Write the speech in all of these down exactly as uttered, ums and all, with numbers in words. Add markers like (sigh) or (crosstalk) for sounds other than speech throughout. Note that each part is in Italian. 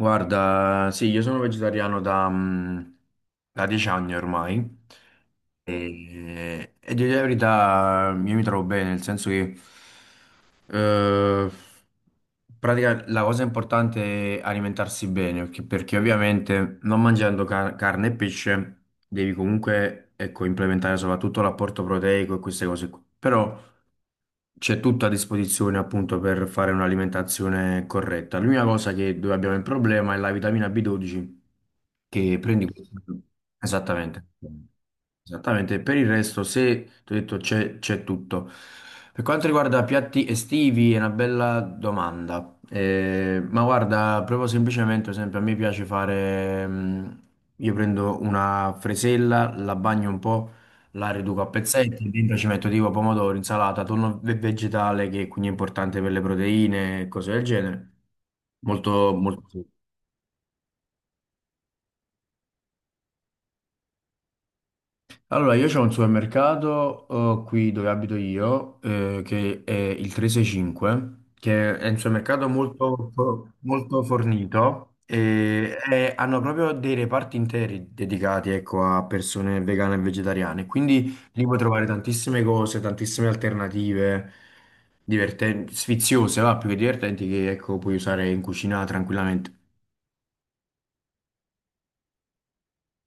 Guarda, sì, io sono vegetariano da, mm, da dieci anni ormai e, e di la verità mm, io mi trovo bene, nel senso che eh, pratica, la cosa importante è alimentarsi bene, perché, perché ovviamente non mangiando car- carne e pesce devi comunque ecco, implementare soprattutto l'apporto proteico e queste cose qui. Però c'è tutto a disposizione appunto per fare un'alimentazione corretta. L'unica cosa che dove abbiamo il problema è la vitamina B dodici che prendi esattamente. Esattamente, per il resto, se ti ho detto c'è c'è tutto. Per quanto riguarda piatti estivi, è una bella domanda. Eh, ma guarda, proprio semplicemente, per esempio, a me piace fare. mm, Io prendo una fresella, la bagno un po', la riduco a pezzetti, dentro ci metto tipo pomodoro, insalata, tonno ve- vegetale che quindi è importante per le proteine e cose del genere. Molto, molto. Sì. Allora, io c'ho un supermercato eh, qui dove abito io, eh, che è il trecentosessantacinque, che è un supermercato molto, fo- molto fornito e, e hanno proprio dei reparti interi dedicati, ecco, a persone vegane e vegetariane. Quindi lì puoi trovare tantissime cose, tantissime alternative divertenti, sfiziose, va, più che divertenti, che, ecco, puoi usare in cucina tranquillamente.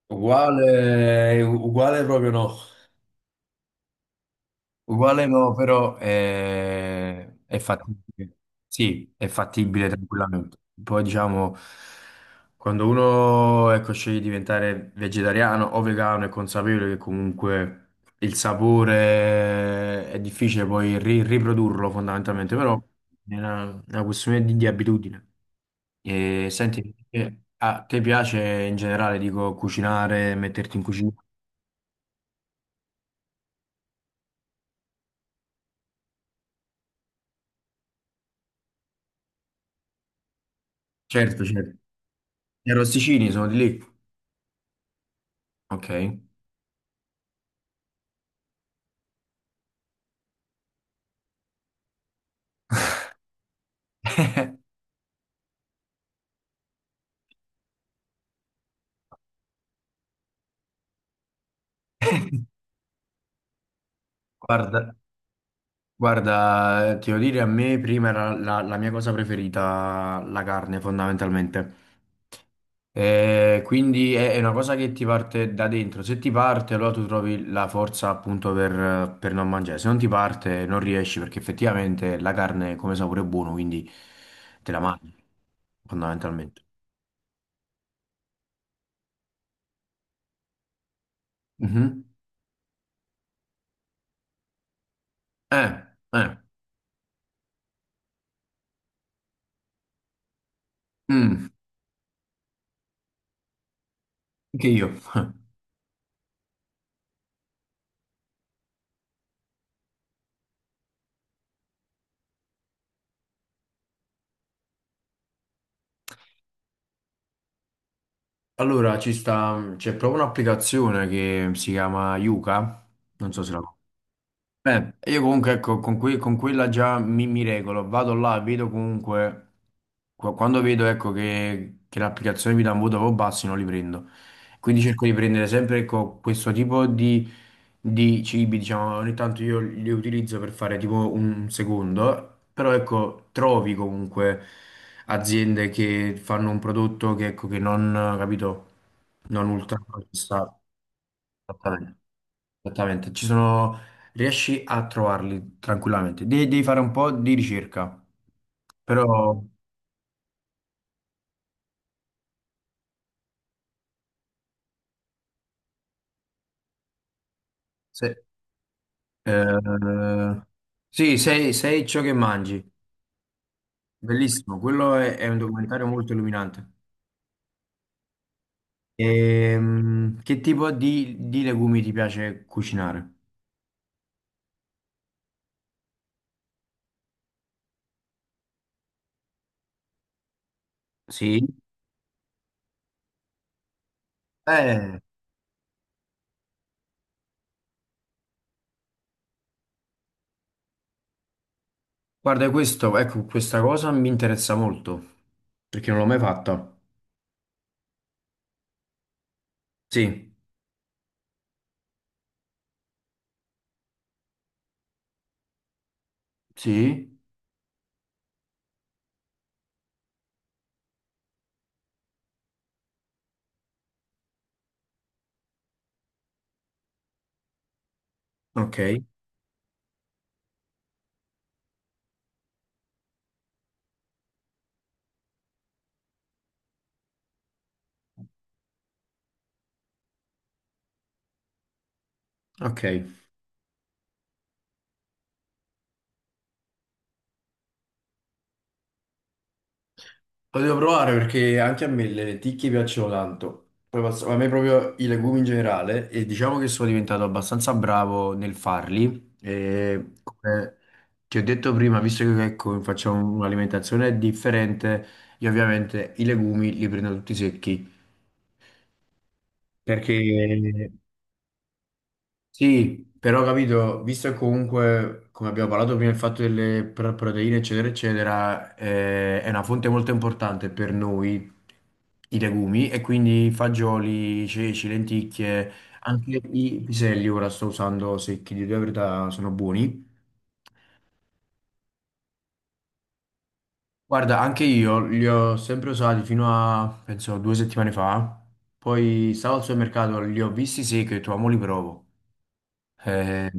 Uguale, uguale proprio no. Uguale no, però eh, è, fattibile. Sì, è fattibile tranquillamente. Poi diciamo, quando uno ecco, sceglie di diventare vegetariano o vegano è consapevole che comunque il sapore è difficile poi ri- riprodurlo fondamentalmente, però è una, una questione di, di abitudine. E, senti, eh, a te piace in generale, dico, cucinare, metterti in cucina? Certo, certo. Gli arrosticini sono di lì. Ok. (laughs) (laughs) Guarda, guarda, eh, ti devo dire, a me prima era la, la mia cosa preferita, la carne, fondamentalmente. Eh, quindi è, è una cosa che ti parte da dentro. Se ti parte, allora tu trovi la forza appunto per, per non mangiare. Se non ti parte, non riesci perché effettivamente la carne come sapore è buono, quindi te la mangi, fondamentalmente. Mhm. Eh, eh, mm, anche io. (laughs) Allora, ci sta, c'è proprio un'applicazione che si chiama Yuka, non so se la eh, io comunque ecco, con, que- con quella già mi, mi regolo, vado là, vedo comunque, qua- quando vedo ecco, che, che l'applicazione mi dà un voto proprio basso, non li prendo. Quindi cerco di prendere sempre ecco, questo tipo di, di cibi, diciamo, ogni tanto io li utilizzo per fare tipo un secondo, però ecco, trovi comunque aziende che fanno un prodotto che, ecco, che non, capito, non ultra processato. Esattamente, ci sono... riesci a trovarli tranquillamente. De- devi fare un po' di ricerca, però se, eh, sì, sei, sei ciò che mangi. Bellissimo, quello è, è un documentario molto illuminante. Ehm, che tipo di, di legumi ti piace cucinare? Sì. Eh, guarda, questo, ecco, questa cosa mi interessa molto, perché non l'ho mai fatta. Sì, sì, ok, ok. Lo devo provare perché anche a me le lenticchie piacciono tanto. Poi passo- a me proprio i legumi in generale e diciamo che sono diventato abbastanza bravo nel farli. E come ti ho detto prima, visto che ecco, facciamo un'alimentazione differente, io ovviamente i legumi li prendo tutti secchi perché Sì, però ho capito, visto che comunque, come abbiamo parlato prima, il fatto delle pro- proteine, eccetera, eccetera, eh, è una fonte molto importante per noi, i legumi, e quindi fagioli, ceci, lenticchie, anche i piselli, ora sto usando secchi, di verità sono buoni. Guarda, anche io li ho sempre usati fino a, penso, due settimane fa, poi stavo al supermercato, li ho visti secchi e ho detto, "Ah, mo li provo. Eh,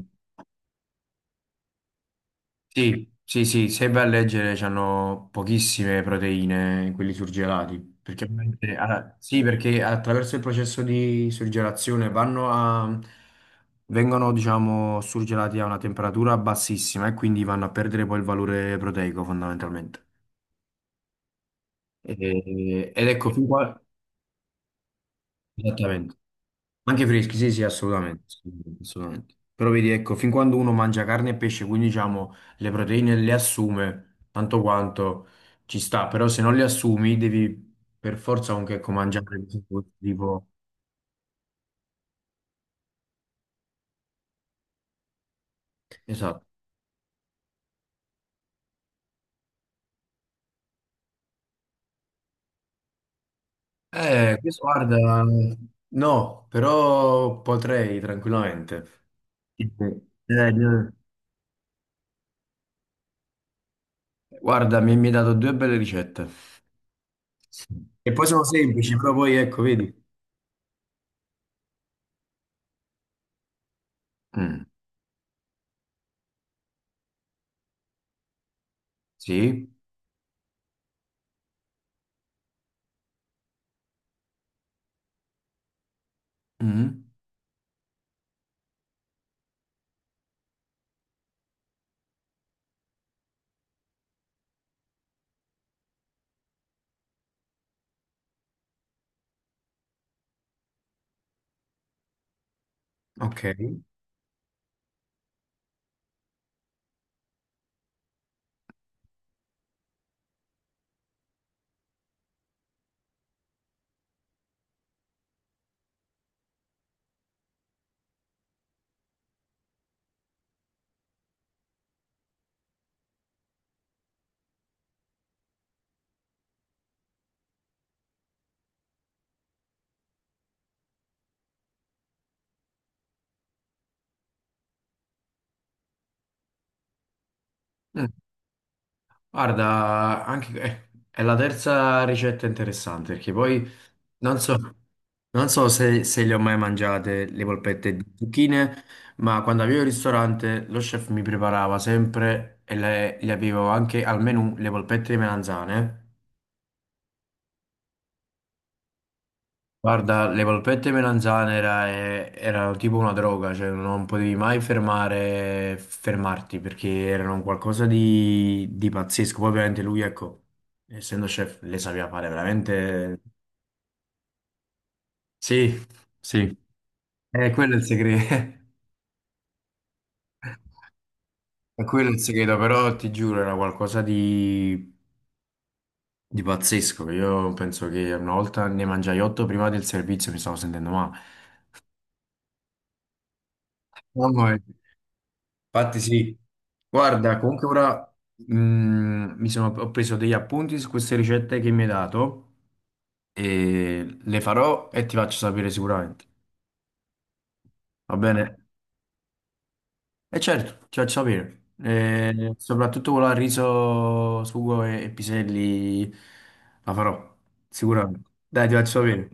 Sì, sì, sì, se vai a leggere c'hanno pochissime proteine quelli surgelati, perché ovviamente- allora, sì, perché attraverso il processo di surgelazione vanno a, vengono, diciamo, surgelati a una temperatura bassissima e quindi vanno a perdere poi il valore proteico fondamentalmente. E- ed ecco, fin qua, esattamente. Anche freschi, sì, sì, assolutamente, assolutamente. Assolutamente. Però vedi, ecco, fin quando uno mangia carne e pesce, quindi diciamo le proteine le assume, tanto quanto ci sta, però se non le assumi devi per forza anche ecco, mangiare cose tipo... Esatto. Eh, questo guarda, no, però potrei tranquillamente. Eh, no. Guarda, mi, mi hai dato due belle ricette. E poi sono semplici, però poi ecco, vedi. Mm, sì. Mm, ok. Mm. Guarda, anche, eh, è la terza ricetta interessante perché poi non so, non so se, se le ho mai mangiate le polpette di zucchine, ma quando avevo il ristorante lo chef mi preparava sempre e le, le avevo anche al menù le polpette di melanzane. Guarda, le polpette melanzane era- eh, erano tipo una droga, cioè non potevi mai fermare, fermarti perché erano un qualcosa di, di pazzesco. Poi ovviamente lui, ecco, essendo chef, le sapeva fare veramente... Sì, sì, è quello è il segreto, (laughs) è quello il segreto, però ti giuro era qualcosa di, di pazzesco. Io penso che una volta ne mangiai otto prima del servizio, mi stavo sentendo male. Mamma mia. Infatti sì, guarda, comunque ora mm, mi sono, ho preso degli appunti su queste ricette che mi hai dato e le farò e ti faccio sapere sicuramente, va bene? E certo, ti faccio sapere, e soprattutto quella al riso, sugo e, e piselli la farò, sicuramente. Dai, ti faccio sapere.